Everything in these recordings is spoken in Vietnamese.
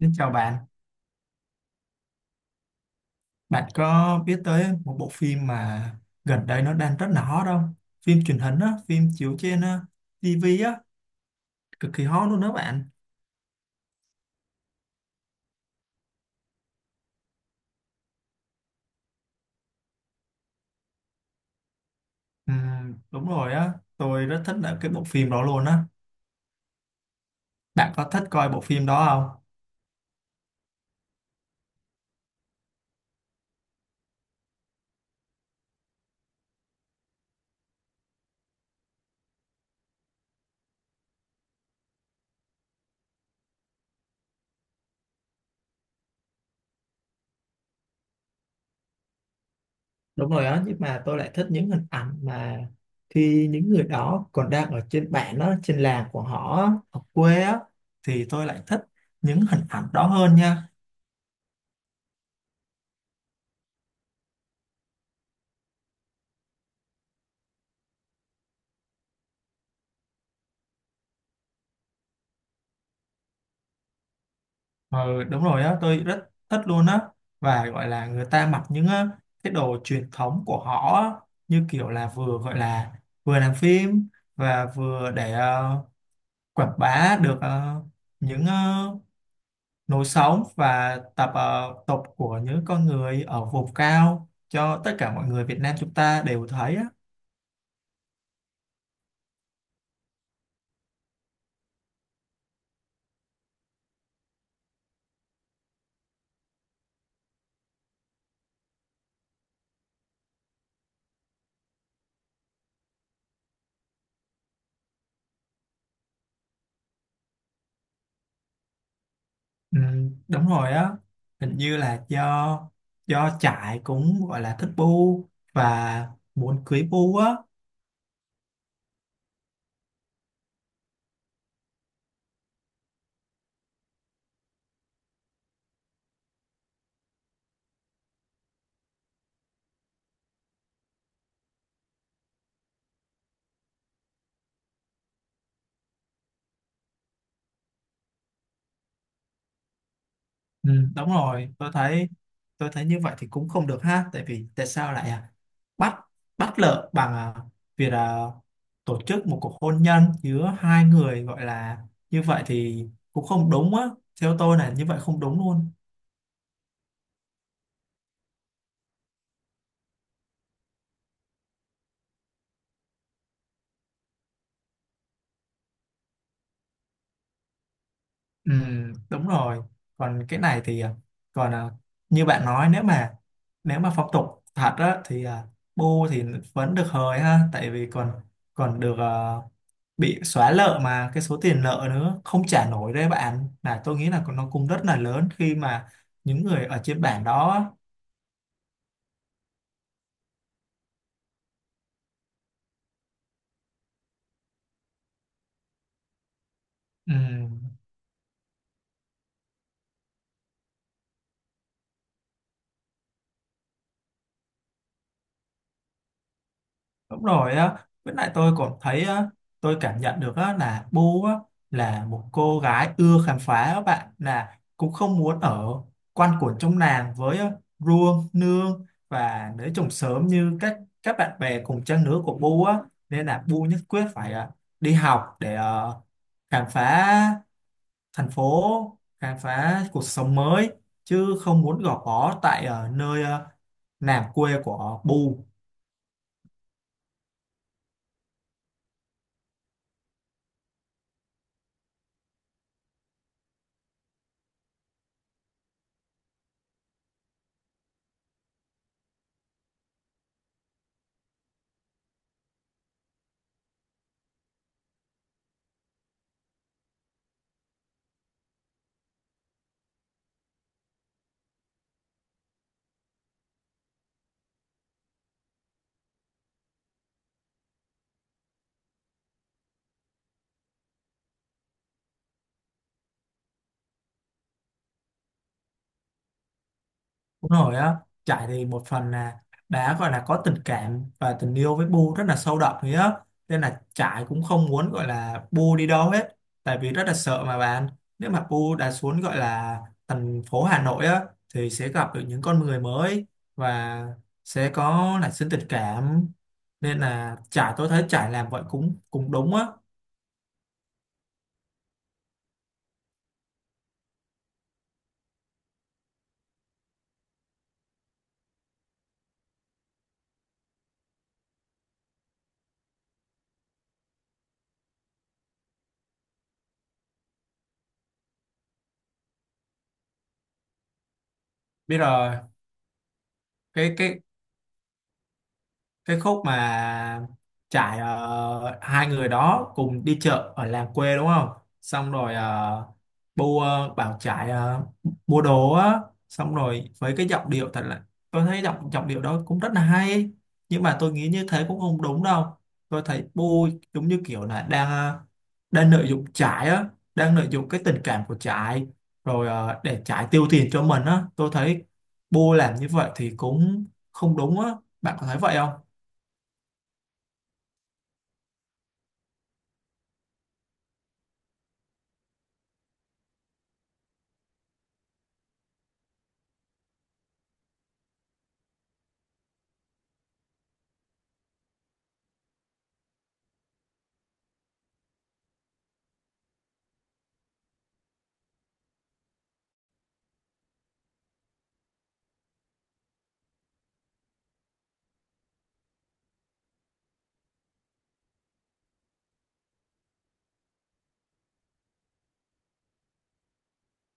Xin chào bạn, bạn có biết tới một bộ phim mà gần đây nó đang rất là hot không? Phim truyền hình á, phim chiếu trên TV á, cực kỳ hot luôn đó bạn. Đúng rồi á, tôi rất thích là cái bộ phim đó luôn á. Bạn có thích coi bộ phim đó không? Đúng rồi á, nhưng mà tôi lại thích những hình ảnh mà khi những người đó còn đang ở trên bản đó, trên làng của họ á, ở quê á, thì tôi lại thích những hình ảnh đó hơn nha. Ờ, đúng rồi á, tôi rất thích luôn á và gọi là người ta mặc những cái đồ truyền thống của họ á, như kiểu là vừa gọi là vừa làm phim và vừa để quảng bá được những lối sống và tập tục của những con người ở vùng cao cho tất cả mọi người Việt Nam chúng ta đều thấy á. Ừ, đúng rồi á, hình như là do do trại cũng gọi là thích bu và muốn cưới bu á. Ừ, đúng rồi, tôi thấy như vậy thì cũng không được ha, tại vì tại sao lại à? Bắt bắt lợ bằng à, việc à, tổ chức một cuộc hôn nhân giữa hai người gọi là như vậy thì cũng không đúng á, theo tôi là như vậy không đúng luôn. Ừ, đúng rồi. Còn cái này thì à, còn à, như bạn nói nếu mà phong tục thật á thì à, bu thì vẫn được hời ha, tại vì còn còn được à, bị xóa nợ mà cái số tiền nợ nữa không trả nổi đấy bạn. Là tôi nghĩ là nó cũng rất là lớn khi mà những người ở trên bản đó. Ừ. Đúng rồi á, với lại tôi còn thấy á, tôi cảm nhận được á, là Bu á, là một cô gái ưa khám phá á bạn, là cũng không muốn ở quanh quẩn trong làng với á, Ruông, Nương và nữ trùng sớm như các bạn bè cùng trang lứa của Bu á, nên là Bu nhất quyết phải à, đi học để khám phá thành phố, khám phá cuộc sống mới chứ không muốn gò bó tại nơi làng quê của Bu. Đúng rồi á, trải thì một phần là đã gọi là có tình cảm và tình yêu với Bu rất là sâu đậm ấy á. Nên là trải cũng không muốn gọi là Bu đi đâu hết. Tại vì rất là sợ mà bạn. Nếu mà Bu đã xuống gọi là thành phố Hà Nội á, thì sẽ gặp được những con người mới và sẽ có nảy sinh tình cảm. Nên là trải, tôi thấy trải làm vậy cũng cũng đúng á. Biết rồi, cái cái khúc mà trải hai người đó cùng đi chợ ở làng quê đúng không, xong rồi uh, bu bảo trải mua đồ á, xong rồi với cái giọng điệu thật là, tôi thấy giọng giọng điệu đó cũng rất là hay, nhưng mà tôi nghĩ như thế cũng không đúng đâu. Tôi thấy bu giống như kiểu là đang đang lợi dụng trải á, đang lợi dụng cái tình cảm của trải rồi để trải tiêu tiền cho mình á, tôi thấy bu làm như vậy thì cũng không đúng á, bạn có thấy vậy không?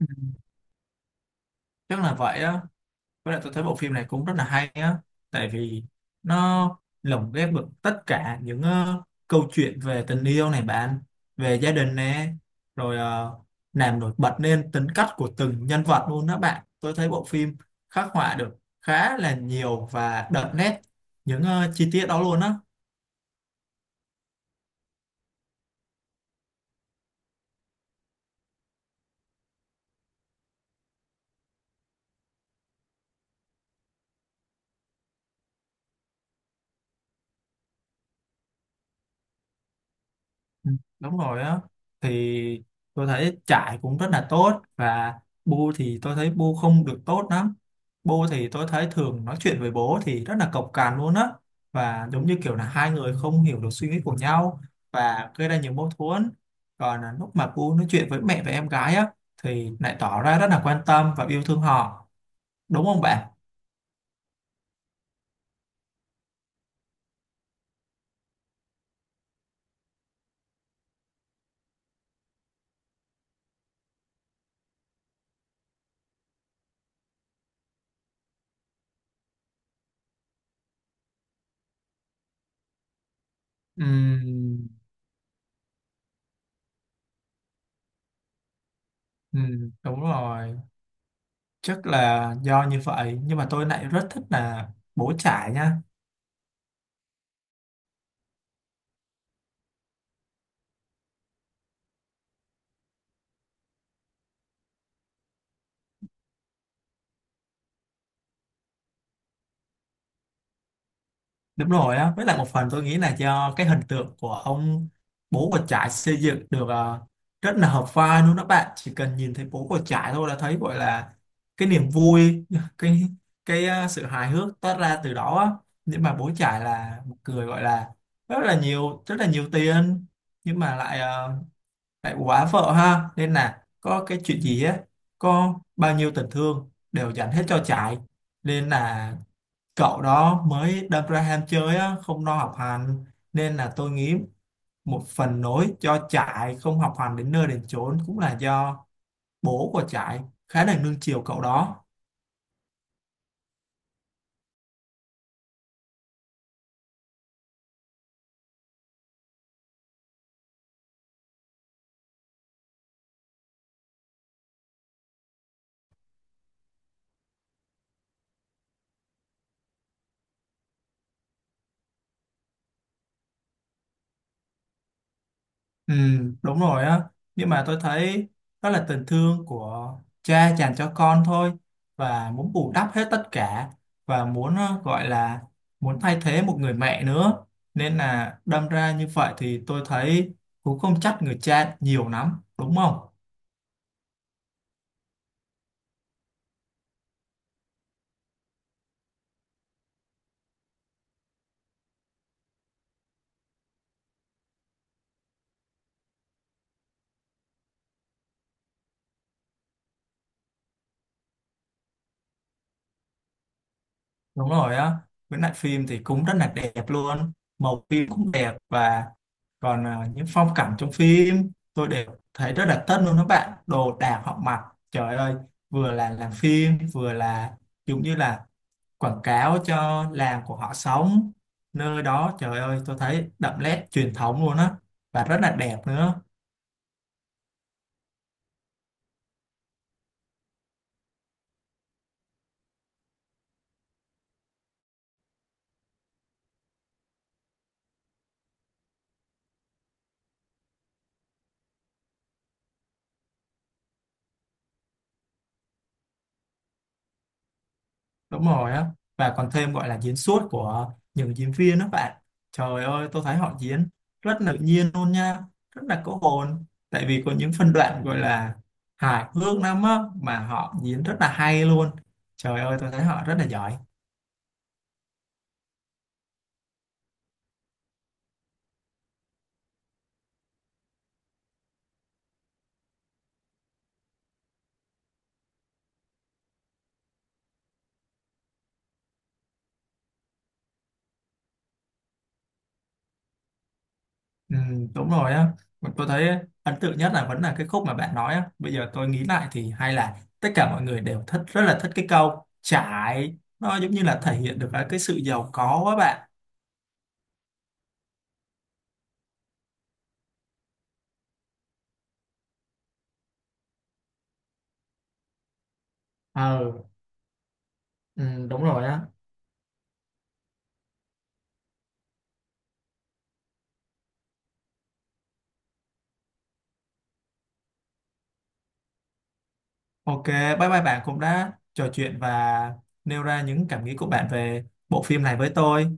Ừ, chắc là vậy á, với lại tôi thấy bộ phim này cũng rất là hay á, tại vì nó lồng ghép được tất cả những câu chuyện về tình yêu này bạn, về gia đình nè, rồi làm nổi bật lên tính cách của từng nhân vật luôn đó bạn. Tôi thấy bộ phim khắc họa được khá là nhiều và đậm nét những chi tiết đó luôn á. Ừ, đúng rồi á, thì tôi thấy trải cũng rất là tốt và bu thì tôi thấy bu không được tốt lắm. Bu thì tôi thấy thường nói chuyện với bố thì rất là cộc cằn luôn á, và giống như kiểu là hai người không hiểu được suy nghĩ của nhau và gây ra nhiều mâu thuẫn. Còn là lúc mà bu nói chuyện với mẹ và em gái á thì lại tỏ ra rất là quan tâm và yêu thương họ, đúng không bạn? Ừm, ừm, đúng rồi, chắc là do như vậy, nhưng mà tôi lại rất thích là bố trải nha. Đúng rồi á, với lại một phần tôi nghĩ là do cái hình tượng của ông bố của trải xây dựng được rất là hợp vai luôn đó bạn. Chỉ cần nhìn thấy bố của trải thôi là thấy gọi là cái niềm vui, cái cái sự hài hước toát ra từ đó á. Nhưng mà bố trải là một người gọi là rất là nhiều tiền, nhưng mà lại lại quá vợ ha, nên là có cái chuyện gì á, có bao nhiêu tình thương đều dành hết cho trải, nên là cậu đó mới đâm ra ham chơi á, không lo học hành. Nên là tôi nghĩ một phần nỗi cho trại không học hành đến nơi đến chốn cũng là do bố của trại khá là nuông chiều cậu đó. Ừ, đúng rồi á, nhưng mà tôi thấy đó là tình thương của cha dành cho con thôi, và muốn bù đắp hết tất cả và muốn gọi là muốn thay thế một người mẹ nữa, nên là đâm ra như vậy thì tôi thấy cũng không trách người cha nhiều lắm đúng không? Đúng rồi á, với lại phim thì cũng rất là đẹp luôn, màu phim cũng đẹp và còn à, những phong cảnh trong phim tôi đều thấy rất là tân luôn các bạn, đồ đạc họ mặc, trời ơi, vừa là làm phim vừa là giống như là quảng cáo cho làng của họ sống, nơi đó trời ơi tôi thấy đậm nét truyền thống luôn á, và rất là đẹp nữa. Đúng rồi á, và còn thêm gọi là diễn xuất của những diễn viên đó bạn, trời ơi tôi thấy họ diễn rất tự nhiên luôn nha, rất là có hồn, tại vì có những phân đoạn gọi là hài hước lắm á mà họ diễn rất là hay luôn, trời ơi tôi thấy họ rất là giỏi. Ừ, đúng rồi á. Mà tôi thấy ấn tượng nhất là vẫn là cái khúc mà bạn nói á, bây giờ tôi nghĩ lại thì hay là tất cả mọi người đều thích, rất là thích cái câu trải, nó giống như là thể hiện được cái sự giàu có á bạn. Ờ. Ừ, đúng rồi á. Ok, bye bye bạn cũng đã trò chuyện và nêu ra những cảm nghĩ của bạn về bộ phim này với tôi.